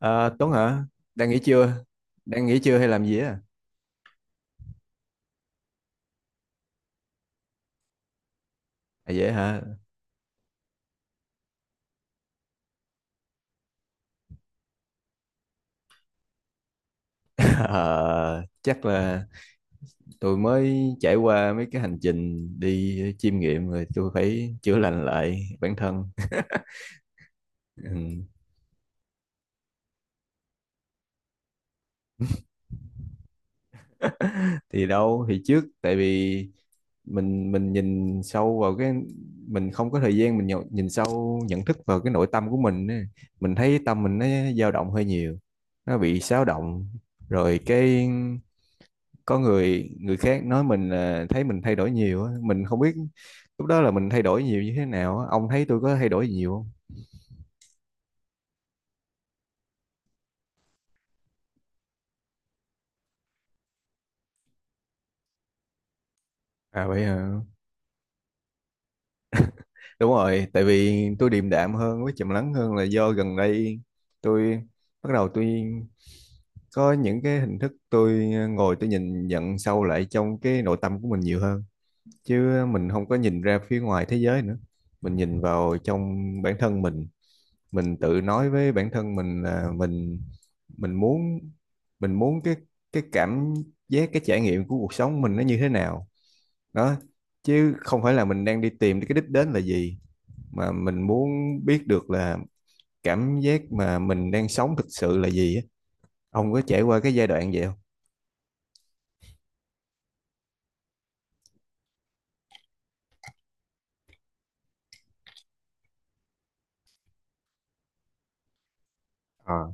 À, Tuấn hả? Đang nghỉ chưa? Đang nghỉ chưa hay làm gì á? À dễ hả? Ờ, chắc là tôi mới trải qua mấy cái hành trình đi chiêm nghiệm rồi tôi phải chữa lành lại bản thân. Ừ. Thì đâu thì trước tại vì mình nhìn sâu vào cái mình không có thời gian nhìn sâu nhận thức vào cái nội tâm của mình á. Mình thấy tâm mình nó dao động hơi nhiều. Nó bị xáo động rồi cái có người người khác nói mình là thấy mình thay đổi nhiều á, mình không biết lúc đó là mình thay đổi nhiều như thế nào á. Ông thấy tôi có thay đổi nhiều không? À vậy hả? Đúng rồi, tại vì tôi điềm đạm hơn với trầm lắng hơn là do gần đây tôi bắt đầu tôi có những cái hình thức tôi ngồi tôi nhìn nhận sâu lại trong cái nội tâm của mình nhiều hơn, chứ mình không có nhìn ra phía ngoài thế giới nữa. Mình nhìn vào trong bản thân mình. Mình tự nói với bản thân mình là mình mình muốn muốn cái cảm giác, cái trải nghiệm của cuộc sống mình nó như thế nào đó, chứ không phải là mình đang đi tìm cái đích đến là gì mà mình muốn biết được là cảm giác mà mình đang sống thực sự là gì á. Ông có trải qua cái giai đoạn vậy không? Ờ,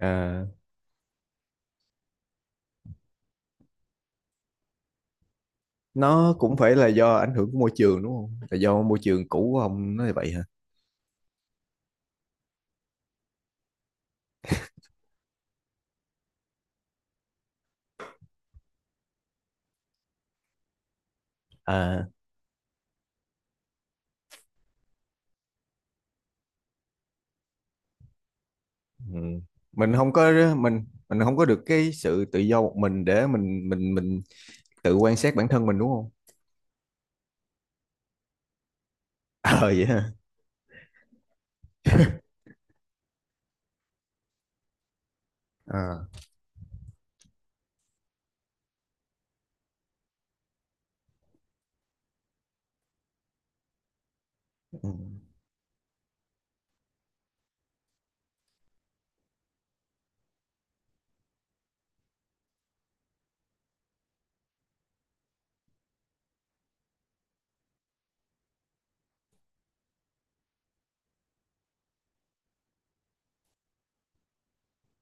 à, nó cũng phải là do ảnh hưởng của môi trường đúng không? Là do môi trường cũ của ông nó như vậy hả? À, ừ. Mình không có mình không có được cái sự tự do một mình để mình tự quan sát bản thân mình đúng không? Ờ vậy hả? À. Ừ.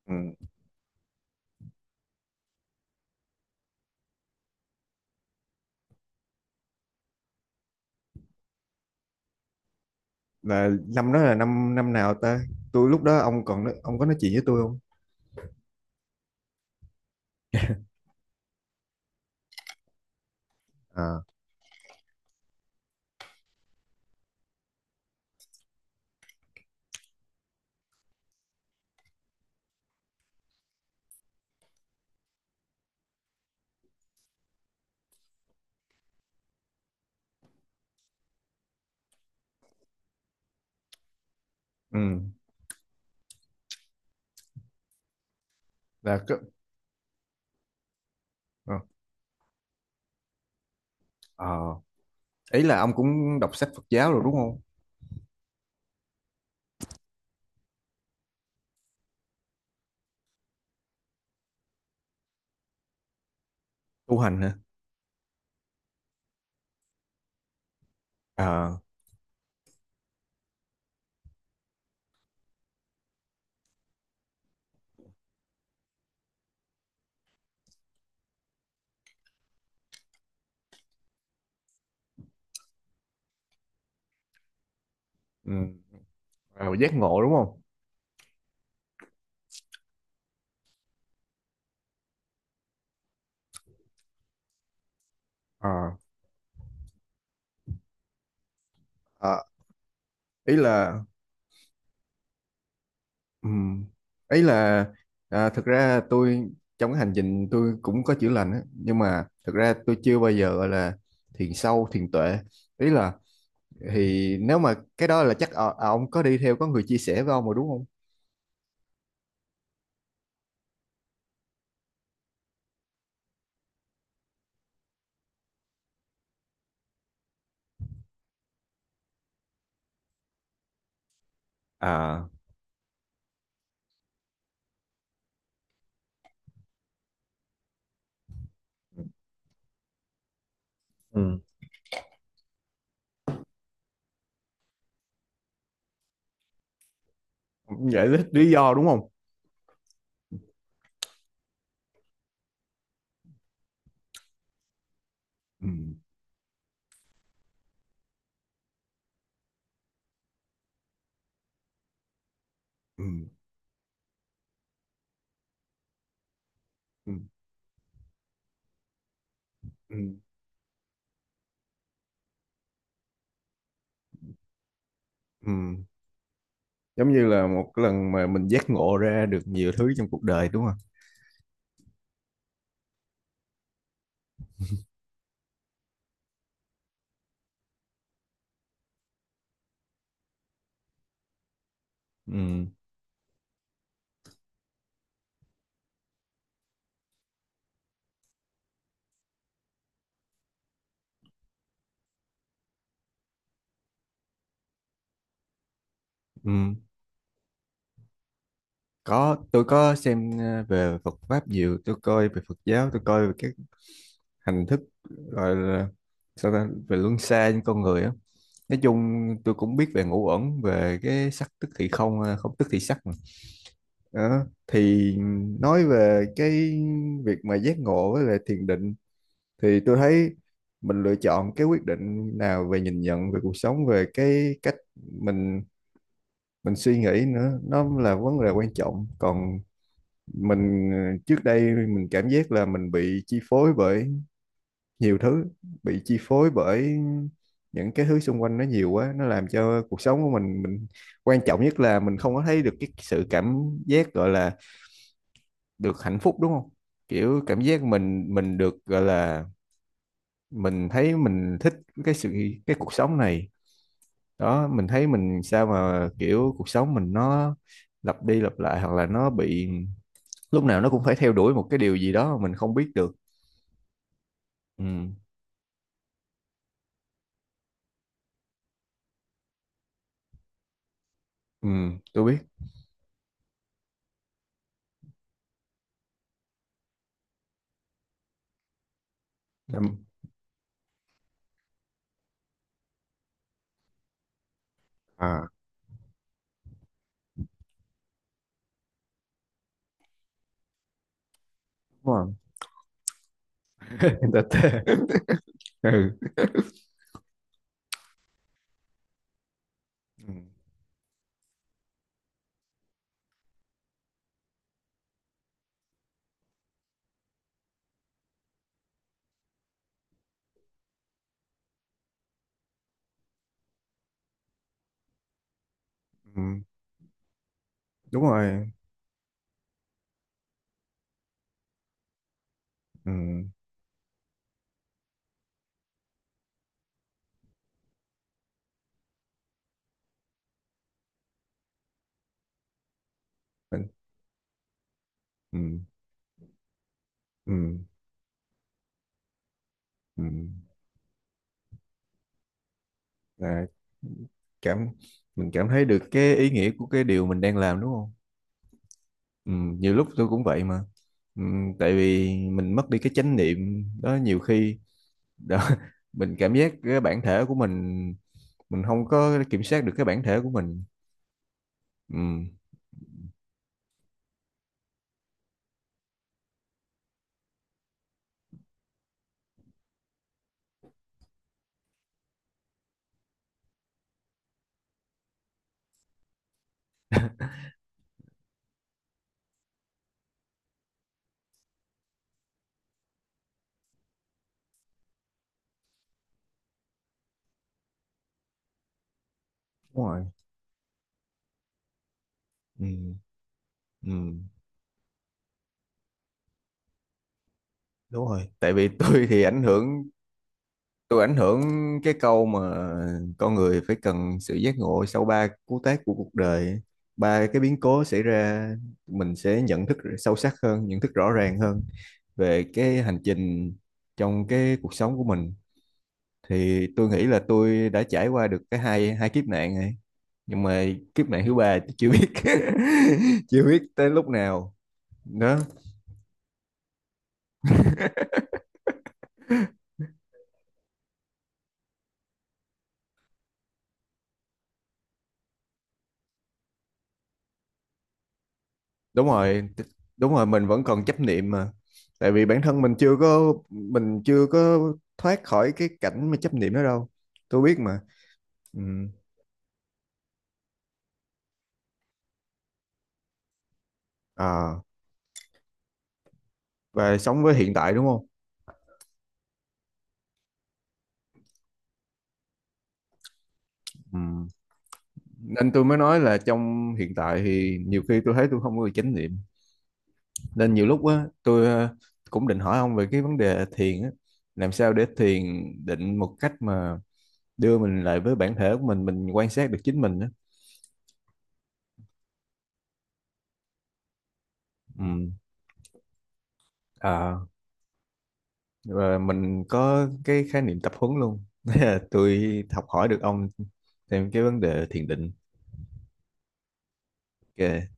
Ừ. Là năm đó là năm năm nào ta? Tôi lúc đó ông có nói chuyện với tôi không? À, ừ là cái ờ ờ. Ý là ông cũng đọc sách Phật giáo rồi đúng không? Tu hành hả? À, ừ. Ờ, giác ngộ đúng không? À, à, ý là. Ừ. Ấy là, à, thực ra tôi trong cái hành trình tôi cũng có chữa lành á, nhưng mà thực ra tôi chưa bao giờ gọi là thiền sâu, thiền tuệ. Ý là, thì nếu mà cái đó là chắc ông có đi theo có người chia sẻ với ông rồi đúng không? À. Ừ. Giải thích lý do đúng không? Ừ. Ừ. Ừ. Ừ. Ừ. Giống như là một cái lần mà mình giác ngộ ra được nhiều thứ trong cuộc đời đúng không? Ừ. Ừ. Có, tôi có xem về Phật pháp nhiều, tôi coi về Phật giáo, tôi coi về các hành thức gọi là, sao ta, về luân xa trên con người á. Nói chung tôi cũng biết về ngũ uẩn, về cái sắc tức thì không, à, không tức thì sắc mà. Đó. Thì nói về cái việc mà giác ngộ với lại thiền định thì tôi thấy mình lựa chọn cái quyết định nào về nhìn nhận về cuộc sống, về cái cách mình suy nghĩ nữa, nó là vấn đề quan trọng. Còn mình trước đây mình cảm giác là mình bị chi phối bởi nhiều thứ, bị chi phối bởi những cái thứ xung quanh nó nhiều quá. Nó làm cho cuộc sống của mình quan trọng nhất là mình không có thấy được cái sự cảm giác gọi là được hạnh phúc đúng không? Kiểu cảm giác mình được gọi là mình thấy mình thích cái sự cái cuộc sống này. Đó, mình thấy mình, sao mà kiểu cuộc sống mình nó lặp đi lặp lại, hoặc là nó bị lúc nào nó cũng phải theo đuổi một cái điều gì đó mà mình không biết được. Ừ. Ừ. Tôi biết. Em- À, đúng rồi. Người ta tê. Ừ. Ừ, ừ, đúng rồi. Ừ, mình. Ừ, ừ, ừ. Là cảm mình cảm thấy được cái ý nghĩa của cái điều mình đang làm đúng không? Ừ, nhiều lúc tôi cũng vậy mà. Ừ, tại vì mình mất đi cái chánh niệm đó nhiều khi. Đó, mình cảm giác cái bản thể của mình không có kiểm soát được cái bản thể của mình. Ừ, đúng rồi. Ừ, ừ, đúng rồi, tại vì tôi ảnh hưởng cái câu mà con người phải cần sự giác ngộ sau ba cú tác của cuộc đời ấy. Ba cái biến cố xảy ra mình sẽ nhận thức sâu sắc hơn, nhận thức rõ ràng hơn về cái hành trình trong cái cuộc sống của mình. Thì tôi nghĩ là tôi đã trải qua được cái hai hai kiếp nạn này. Nhưng mà kiếp nạn thứ ba tôi chưa biết. Chưa biết tới lúc nào. Đó. Đúng rồi, đúng rồi mình vẫn còn chấp niệm mà, tại vì bản thân mình chưa có thoát khỏi cái cảnh mà chấp niệm đó đâu. Tôi biết mà. Ừ. À, và sống với hiện tại đúng không? Ừ. Nên tôi mới nói là trong hiện tại thì nhiều khi tôi thấy tôi không có được chánh niệm, nên nhiều lúc á tôi cũng định hỏi ông về cái vấn đề thiền á, làm sao để thiền định một cách mà đưa mình lại với bản thể của mình quan sát được chính mình á. Ừ. Và mình có cái khái niệm tập huấn luôn. Thế là tôi học hỏi được ông thêm cái vấn đề thiền định. Ok.